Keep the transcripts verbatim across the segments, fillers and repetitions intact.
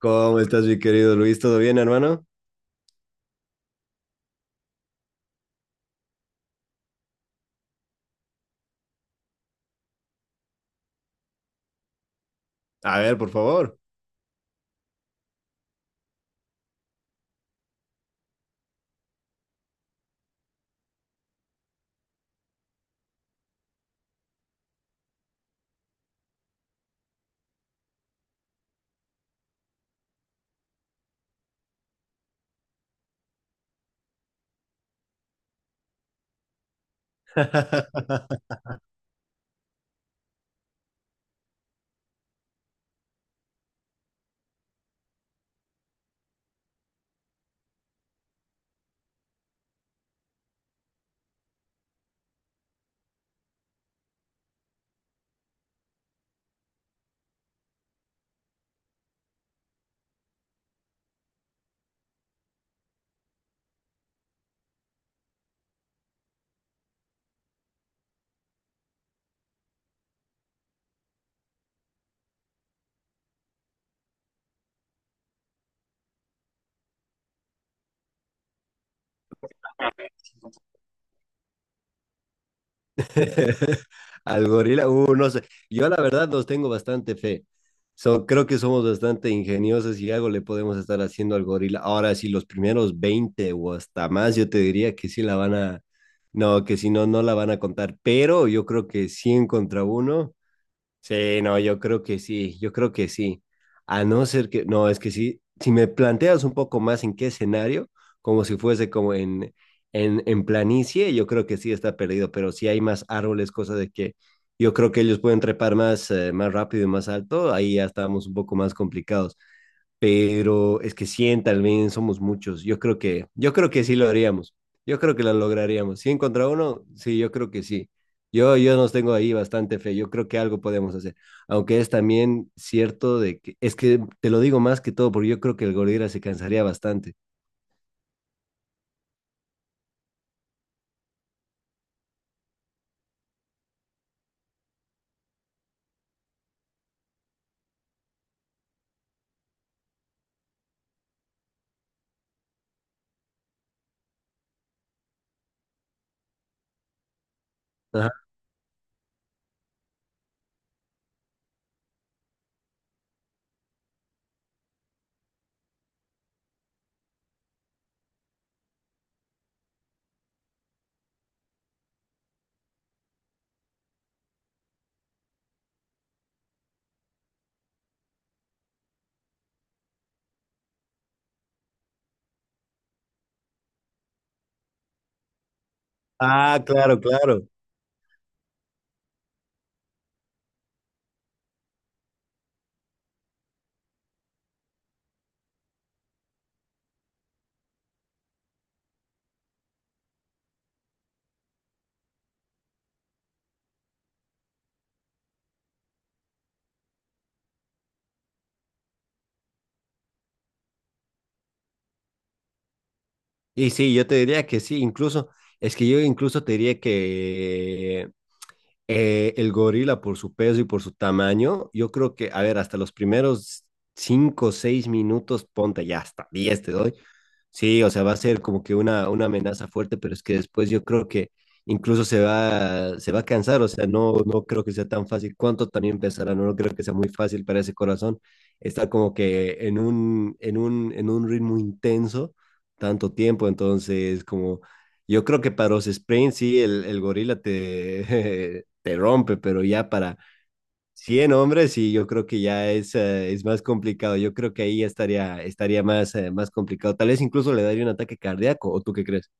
¿Cómo estás, mi querido Luis? ¿Todo bien, hermano? A ver, por favor. Al gorila, uh, no sé. Yo la verdad los tengo bastante fe. So, creo que somos bastante ingeniosos y algo le podemos estar haciendo al gorila. Ahora, si los primeros veinte o hasta más, yo te diría que sí la van a, no, que si no, no la van a contar. Pero yo creo que cien contra uno. Sí, no, yo creo que sí, yo creo que sí. A no ser que, no, es que sí, si me planteas un poco más en qué escenario, como si fuese como en, en, en planicie, yo creo que sí está perdido, pero si hay más árboles, cosa de que yo creo que ellos pueden trepar más, eh, más rápido y más alto, ahí ya estamos un poco más complicados, pero es que cien tal vez somos muchos. Yo creo que, yo creo que sí lo haríamos. Yo creo que lo lograríamos. cien contra uno, sí, yo creo que sí. Yo, yo nos tengo ahí bastante fe. Yo creo que algo podemos hacer. Aunque es también cierto de que, es que te lo digo más que todo porque yo creo que el gorila se cansaría bastante. Ajá. Ah, claro, claro. Y sí, yo te diría que sí. Incluso, es que yo incluso te diría que Eh, el gorila, por su peso y por su tamaño, yo creo que, a ver, hasta los primeros cinco, o seis minutos, ponte ya hasta diez te doy. Sí, o sea, va a ser como que una, una amenaza fuerte, pero es que después yo creo que incluso se va, se va a cansar, o sea, no, no creo que sea tan fácil. ¿Cuánto también pesará? No, no creo que sea muy fácil para ese corazón estar como que en un, en un, en un ritmo intenso tanto tiempo, entonces como yo creo que para los sprints sí, el, el gorila te, te rompe, pero ya para cien hombres y yo creo que ya es, eh, es más complicado. Yo creo que ahí ya estaría, estaría más, eh, más complicado. Tal vez incluso le daría un ataque cardíaco, ¿o tú qué crees?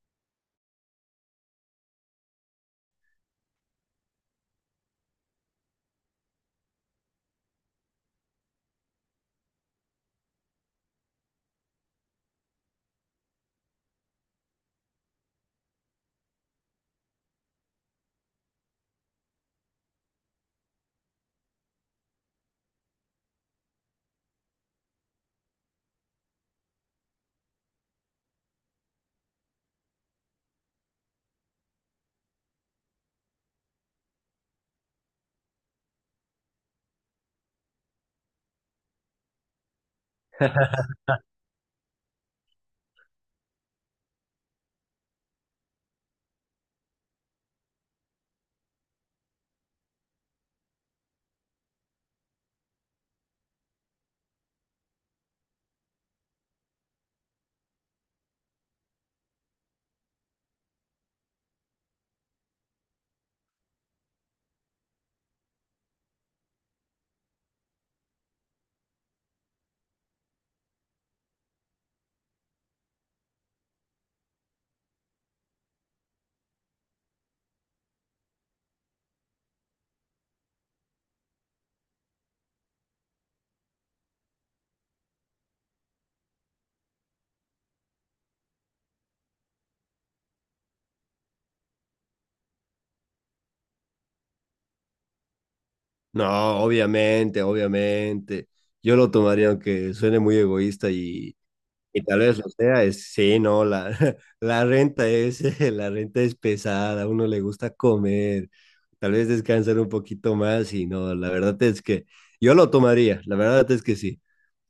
No, obviamente, obviamente. Yo lo tomaría aunque suene muy egoísta y, y tal vez lo sea. Es, sí, no, la, la renta es, la renta es pesada, a uno le gusta comer, tal vez descansar un poquito más y no, la verdad es que yo lo tomaría, la verdad es que sí.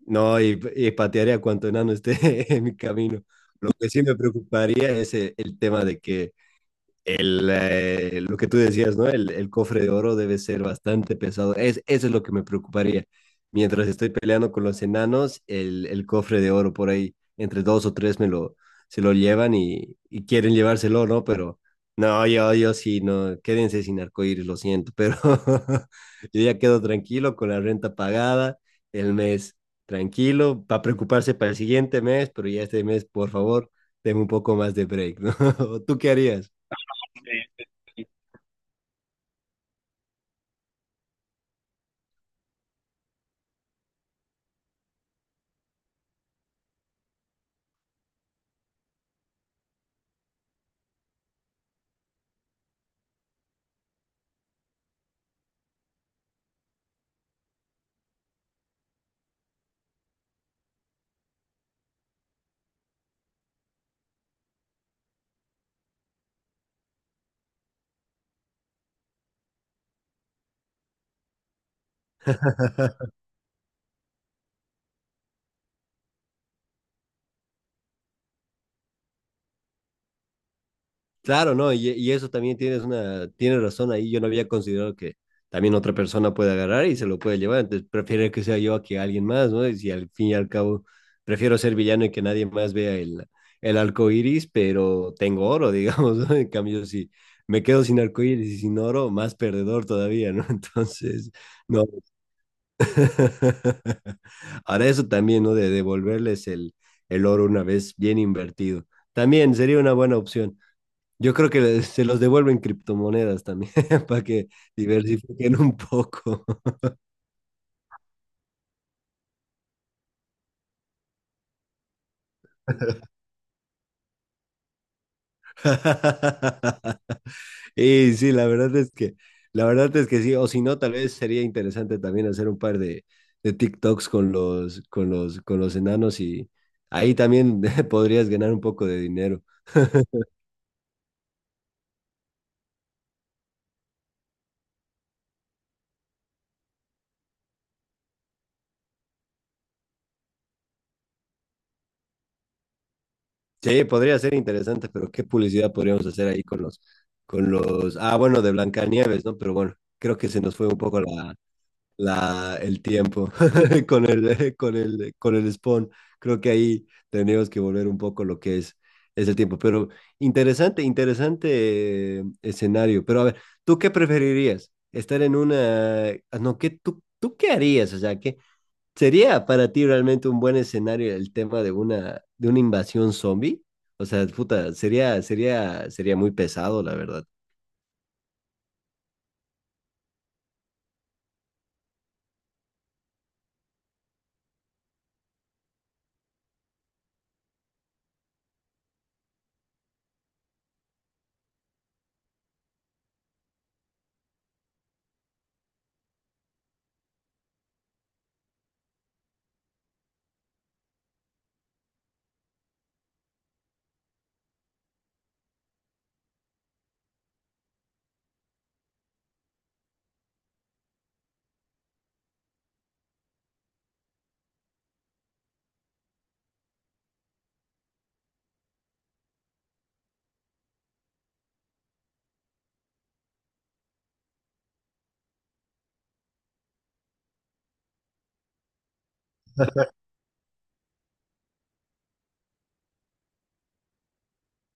No, y, y patearé a cuanto enano esté en mi camino. Lo que sí me preocuparía es eh, el tema de que el, eh, lo que tú decías, ¿no? El, el cofre de oro debe ser bastante pesado. Es, eso es lo que me preocuparía. Mientras estoy peleando con los enanos, el, el cofre de oro por ahí, entre dos o tres me lo, se lo llevan y, y quieren llevárselo, ¿no? Pero no, yo, yo sí, no, quédense sin arcoíris, lo siento, pero yo ya quedo tranquilo con la renta pagada, el mes tranquilo, para preocuparse para el siguiente mes, pero ya este mes, por favor, tengo un poco más de break, ¿no? ¿Tú qué harías? Sí. Claro, no, y, y eso también tienes una, tienes razón ahí. Yo no había considerado que también otra persona puede agarrar y se lo puede llevar. Entonces prefiero que sea yo a que alguien más, ¿no? Y si al fin y al cabo prefiero ser villano y que nadie más vea el, el arco iris, pero tengo oro, digamos, ¿no? En cambio, si me quedo sin arco iris y sin oro, más perdedor todavía, ¿no? Entonces, no. Ahora eso también, ¿no? De devolverles el, el oro una vez bien invertido. También sería una buena opción. Yo creo que le- se los devuelven criptomonedas también para que diversifiquen un poco. Y sí, la verdad es que, la verdad es que sí, o si no, tal vez sería interesante también hacer un par de, de TikToks con los, con los, con los enanos y ahí también podrías ganar un poco de dinero. Sí, podría ser interesante, pero ¿qué publicidad podríamos hacer ahí con los, con los, ah, bueno, de Blancanieves, ¿no? Pero bueno, creo que se nos fue un poco la, la, el tiempo con el, con el, con el spawn. Creo que ahí tenemos que volver un poco lo que es, es el tiempo. Pero interesante, interesante eh, escenario. Pero a ver, ¿tú qué preferirías? Estar en una... ah, no, ¿qué, tú, ¿tú qué harías? O sea, ¿qué sería para ti realmente un buen escenario el tema de una, de una invasión zombie? O sea, puta, sería, sería, sería muy pesado, la verdad.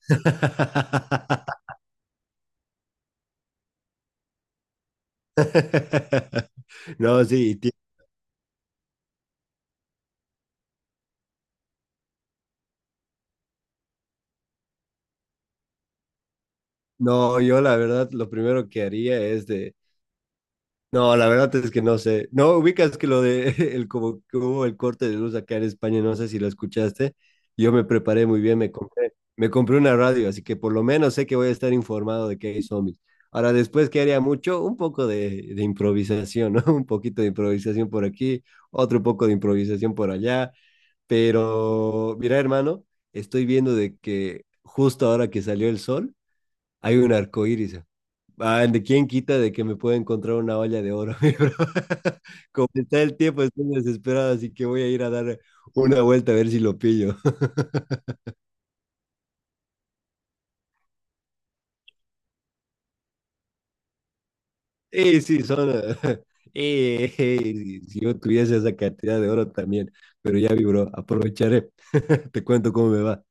No, sí, no, yo la verdad lo primero que haría es de... No, la verdad es que no sé. No, ubicas que lo de el como que hubo el corte de luz acá en España, no sé si lo escuchaste. Yo me preparé muy bien, me compré, me compré una radio, así que por lo menos sé que voy a estar informado de que hay zombies. Ahora, después, ¿qué haría mucho? Un poco de, de improvisación, ¿no? Un poquito de improvisación por aquí, otro poco de improvisación por allá. Pero, mira, hermano, estoy viendo de que justo ahora que salió el sol, hay un arco iris. Ah, ¿de quién quita de que me pueda encontrar una olla de oro, mi bro? Como está el tiempo, estoy desesperado, así que voy a ir a dar una vuelta a ver si lo pillo. Y sí, son. eh, eh, eh, si si yo tuviese esa cantidad de oro también, pero ya vi, bro, aprovecharé. Te cuento cómo me va.